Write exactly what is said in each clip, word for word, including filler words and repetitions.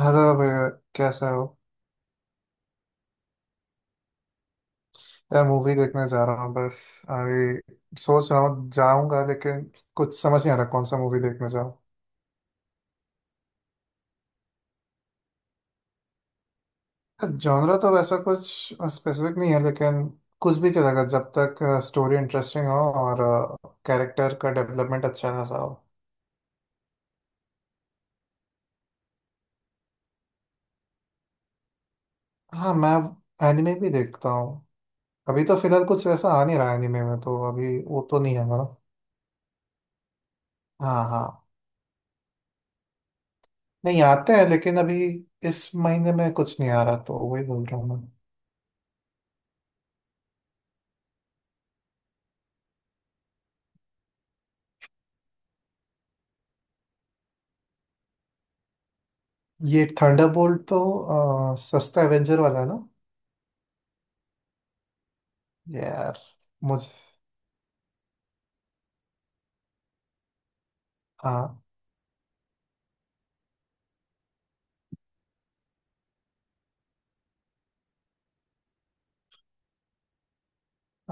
Hello भैया। कैसा हो? यार, मूवी देखने जा रहा हूँ बस। अभी सोच रहा हूँ जाऊंगा लेकिन कुछ समझ नहीं आ रहा कौन सा मूवी देखने जाऊँ। जॉनरा तो वैसा कुछ स्पेसिफिक नहीं है लेकिन कुछ भी चलेगा जब तक स्टोरी इंटरेस्टिंग हो और कैरेक्टर का डेवलपमेंट अच्छा खासा हो। हाँ, मैं एनिमे भी देखता हूँ। अभी तो फिलहाल कुछ वैसा आ नहीं रहा एनिमे में तो अभी वो तो नहीं है मेरा। हाँ हाँ। नहीं आते हैं लेकिन अभी इस महीने में कुछ नहीं आ रहा तो वही बोल रहा हूँ मैं। ये थंडरबोल्ट तो अ, सस्ता एवेंजर वाला है ना? यार मुझे। हाँ।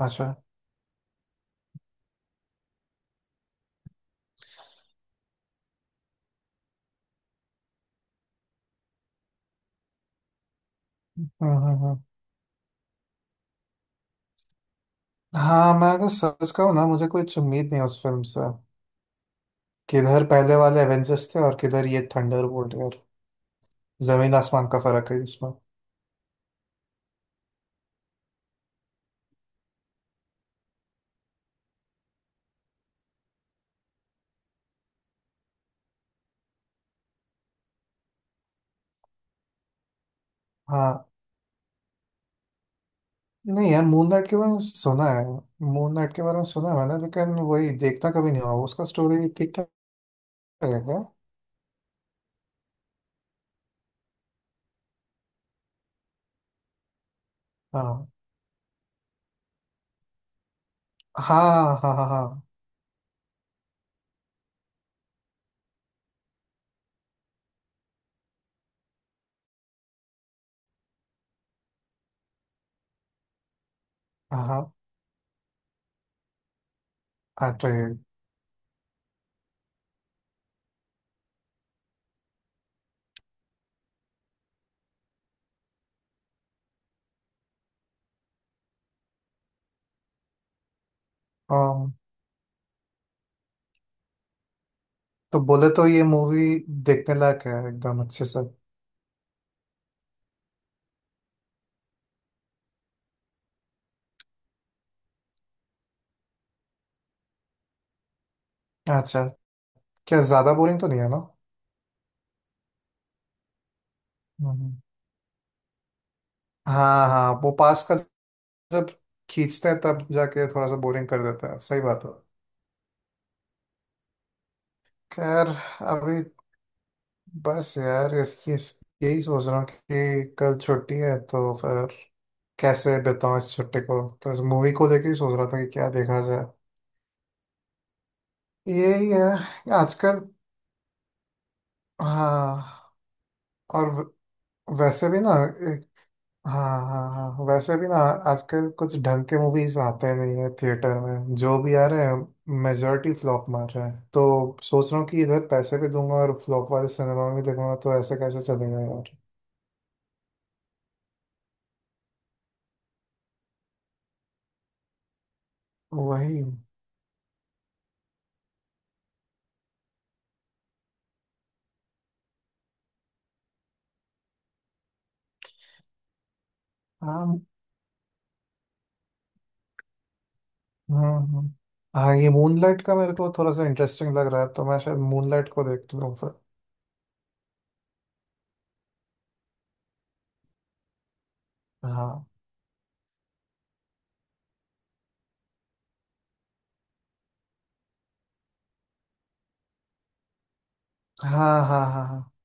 अच्छा। हम्म हम्म हम्म। हाँ, मैं अगर सच कहूँ ना मुझे कुछ उम्मीद नहीं है उस फिल्म से। किधर पहले वाले एवेंजर्स थे और किधर ये थंडरबोल्ट यार। जमीन आसमान का फर्क है इसमें। हाँ। नहीं यार, मून नाइट के बारे में सुना है। मून नाइट के बारे में सुना है मैंने लेकिन वही देखना कभी नहीं हुआ। उसका स्टोरी ठीक ठाक है क्या? हाँ हाँ हाँ हाँ। हाँ हाँ हाँ, अरे हाँ। तो बोले तो ये मूवी देखने लायक है एकदम अच्छे से। अच्छा। क्या ज्यादा बोरिंग तो नहीं है ना? हम्म। हाँ हाँ, वो पास का जब खींचते हैं तब जाके थोड़ा सा बोरिंग कर देता है। सही बात है। खैर, अभी बस यार इसकी इस- यही सोच रहा हूँ कि कल छुट्टी है तो फिर कैसे बिताऊँ इस छुट्टी को, तो इस मूवी को लेके ही सोच रहा था कि क्या देखा जाए। यही है आजकल। हाँ। और व- वैसे भी ना। हाँ हाँ हाँ, वैसे भी ना। आजकल कुछ ढंग के मूवीज आते नहीं है थिएटर में, जो भी आ रहे हैं मेजोरिटी फ्लॉप मार रहे हैं तो सोच रहा हूँ कि इधर पैसे भी दूंगा और फ्लॉप वाले सिनेमा में भी देखूंगा, तो ऐसे कैसे चलेगा यार। वही। हाँ हाँ हाँ हाँ। ये मूनलाइट का मेरे को थोड़ा सा इंटरेस्टिंग लग रहा है तो मैं शायद मूनलाइट को देख लूँ फिर। हाँ हाँ हाँ हाँ हाँ।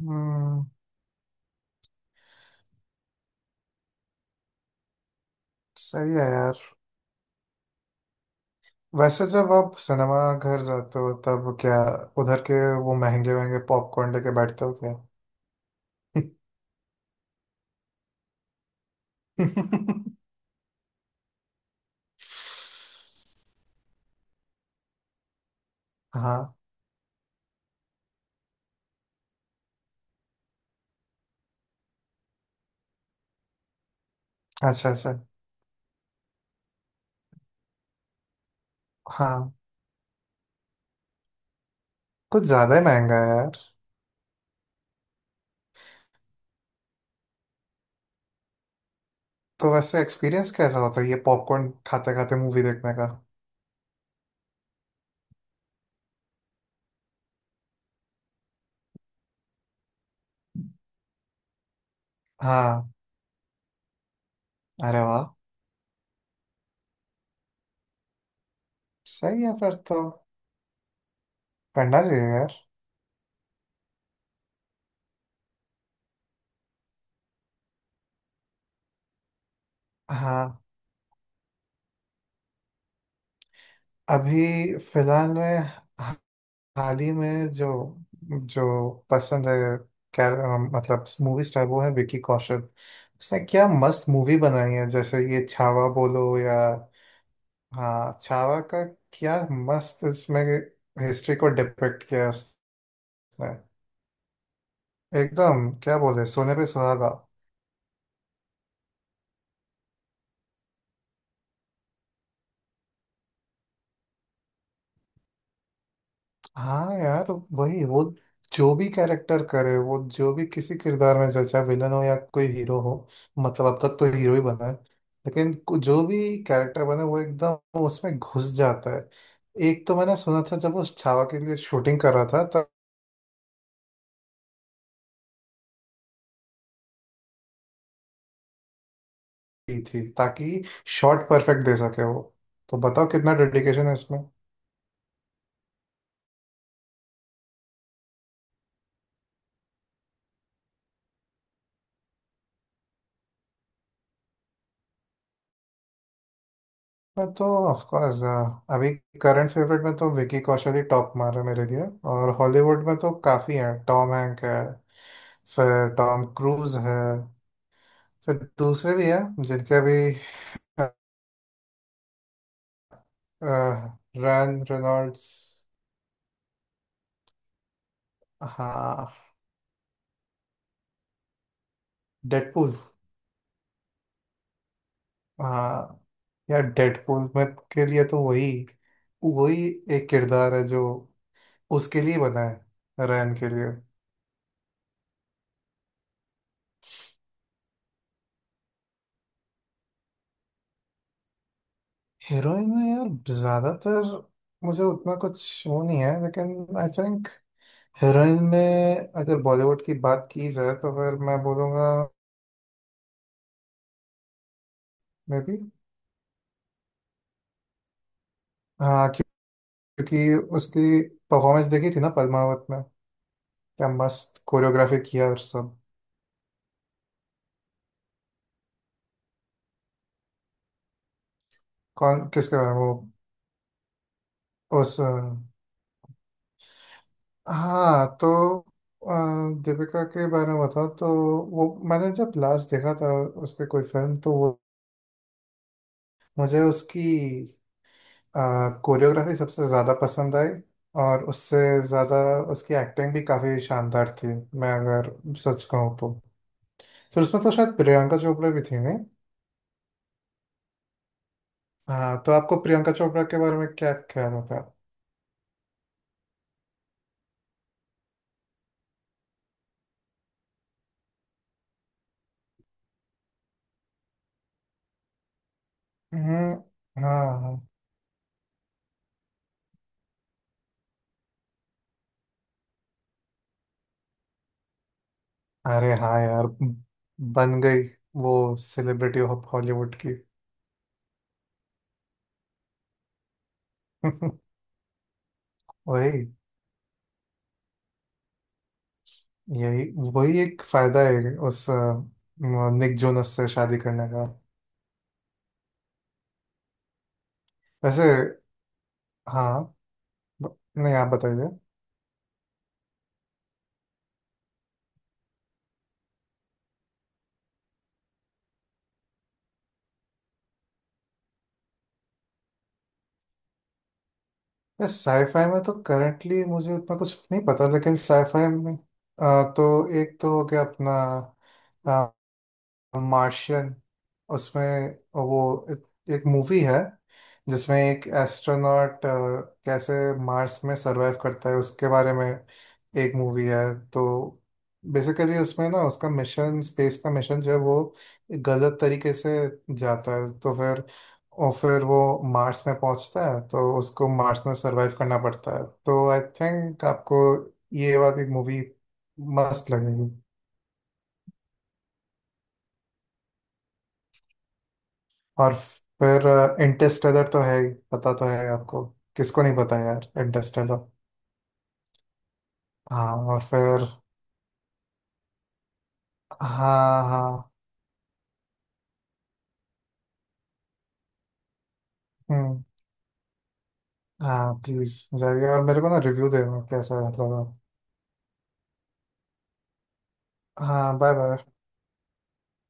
हम्म। सही है यार। वैसे जब आप सिनेमा घर जाते हो तब क्या उधर के वो महंगे महंगे पॉपकॉर्न लेके बैठते हो क्या? हाँ। अच्छा अच्छा। हाँ, कुछ ज्यादा ही महंगा है यार। तो वैसे एक्सपीरियंस कैसा होता है ये पॉपकॉर्न खाते खाते मूवी देखने का? हाँ। अरे वाह। सही है, फिर तो करना चाहिए यार। हाँ। अभी फिलहाल में, हाल ही में जो जो पसंद है, कैर मतलब मूवी स्टार, वो है विकी कौशल। उसने क्या मस्त मूवी बनाई है जैसे ये छावा बोलो या। हाँ, छावा का क्या मस्त, इसमें हिस्ट्री को डिपिक्ट किया है उसने। एकदम क्या बोले, सोने पे सुहागा। हाँ यार। वही वो, जो भी कैरेक्टर करे वो, जो भी किसी किरदार में, चाहे चाहे विलन हो या कोई हीरो हो। मतलब अब तक तो हीरो ही बना है लेकिन कु- जो भी कैरेक्टर बने वो एकदम उसमें घुस जाता है। एक तो मैंने सुना था जब वो छावा के लिए शूटिंग कर रहा था तब की थी ताकि शॉट परफेक्ट दे सके वो। तो बताओ कितना डेडिकेशन है इसमें। मैं तो ऑफ कोर्स अभी करंट फेवरेट में तो विकी कौशल ही टॉप मार है मेरे लिए। और हॉलीवुड में तो काफ़ी हैं, टॉम हैंक है, फिर टॉम क्रूज है, फिर दूसरे भी हैं जिनके अभी, रैन रेनॉल्ड्स। हाँ। डेडपूल। हाँ, यार डेडपूल में के लिए तो वही वही एक किरदार है जो उसके लिए बना है, रैन के लिए। हीरोइन में यार ज्यादातर मुझे उतना कुछ वो नहीं है लेकिन आई थिंक हीरोइन में अगर बॉलीवुड की बात की जाए तो फिर मैं बोलूँगा मे बी। हाँ। क्यों- क्योंकि उसकी परफॉर्मेंस देखी थी ना पद्मावत में। क्या मस्त कोरियोग्राफी किया और सब। कौन किसके बारे में? वो उस अ, हाँ तो अ, दीपिका के बारे में बताओ तो, वो मैंने जब लास्ट देखा था उसके कोई फिल्म तो वो, मुझे उसकी कोरियोग्राफी सबसे ज़्यादा पसंद आई और उससे ज़्यादा उसकी एक्टिंग भी काफ़ी शानदार थी। मैं अगर सच कहूँ तो फिर उसमें तो शायद प्रियंका चोपड़ा भी थी नहीं? हाँ तो आपको प्रियंका चोपड़ा के बारे में क्या ख्याल होता है? हम्म, हाँ हाँ। अरे हाँ यार, बन गई वो सेलिब्रिटी ऑफ हॉलीवुड की। वही, यही वही एक फायदा है उस अ, निक जोनस से शादी करने का। वैसे। हाँ। ब- नहीं आप बताइए। यार, साईफाई में तो करंटली मुझे उतना कुछ नहीं पता लेकिन साईफाई में अ, तो एक तो हो गया अपना मार्शियन। उसमें वो एक, एक मूवी है, जिसमें एक एस्ट्रोनॉट कैसे मार्स में सरवाइव करता है उसके बारे में एक मूवी है। तो बेसिकली उसमें ना उसका मिशन, स्पेस का मिशन जो है वो गलत तरीके से जाता है, तो फिर और फिर वो मार्स में पहुंचता है तो उसको मार्स में सरवाइव करना पड़ता है। तो आई थिंक आपको ये वाली मूवी मस्त लगेगी। और फिर इंटरस्टेलर तो है ही, पता तो है आपको। किसको नहीं पता यार इंटरस्टेलर। हाँ और फिर। हाँ हाँ। हम्म। हाँ प्लीज, जाइए और मेरे को ना रिव्यू देना कैसा लगा। हाँ, बाय बाय।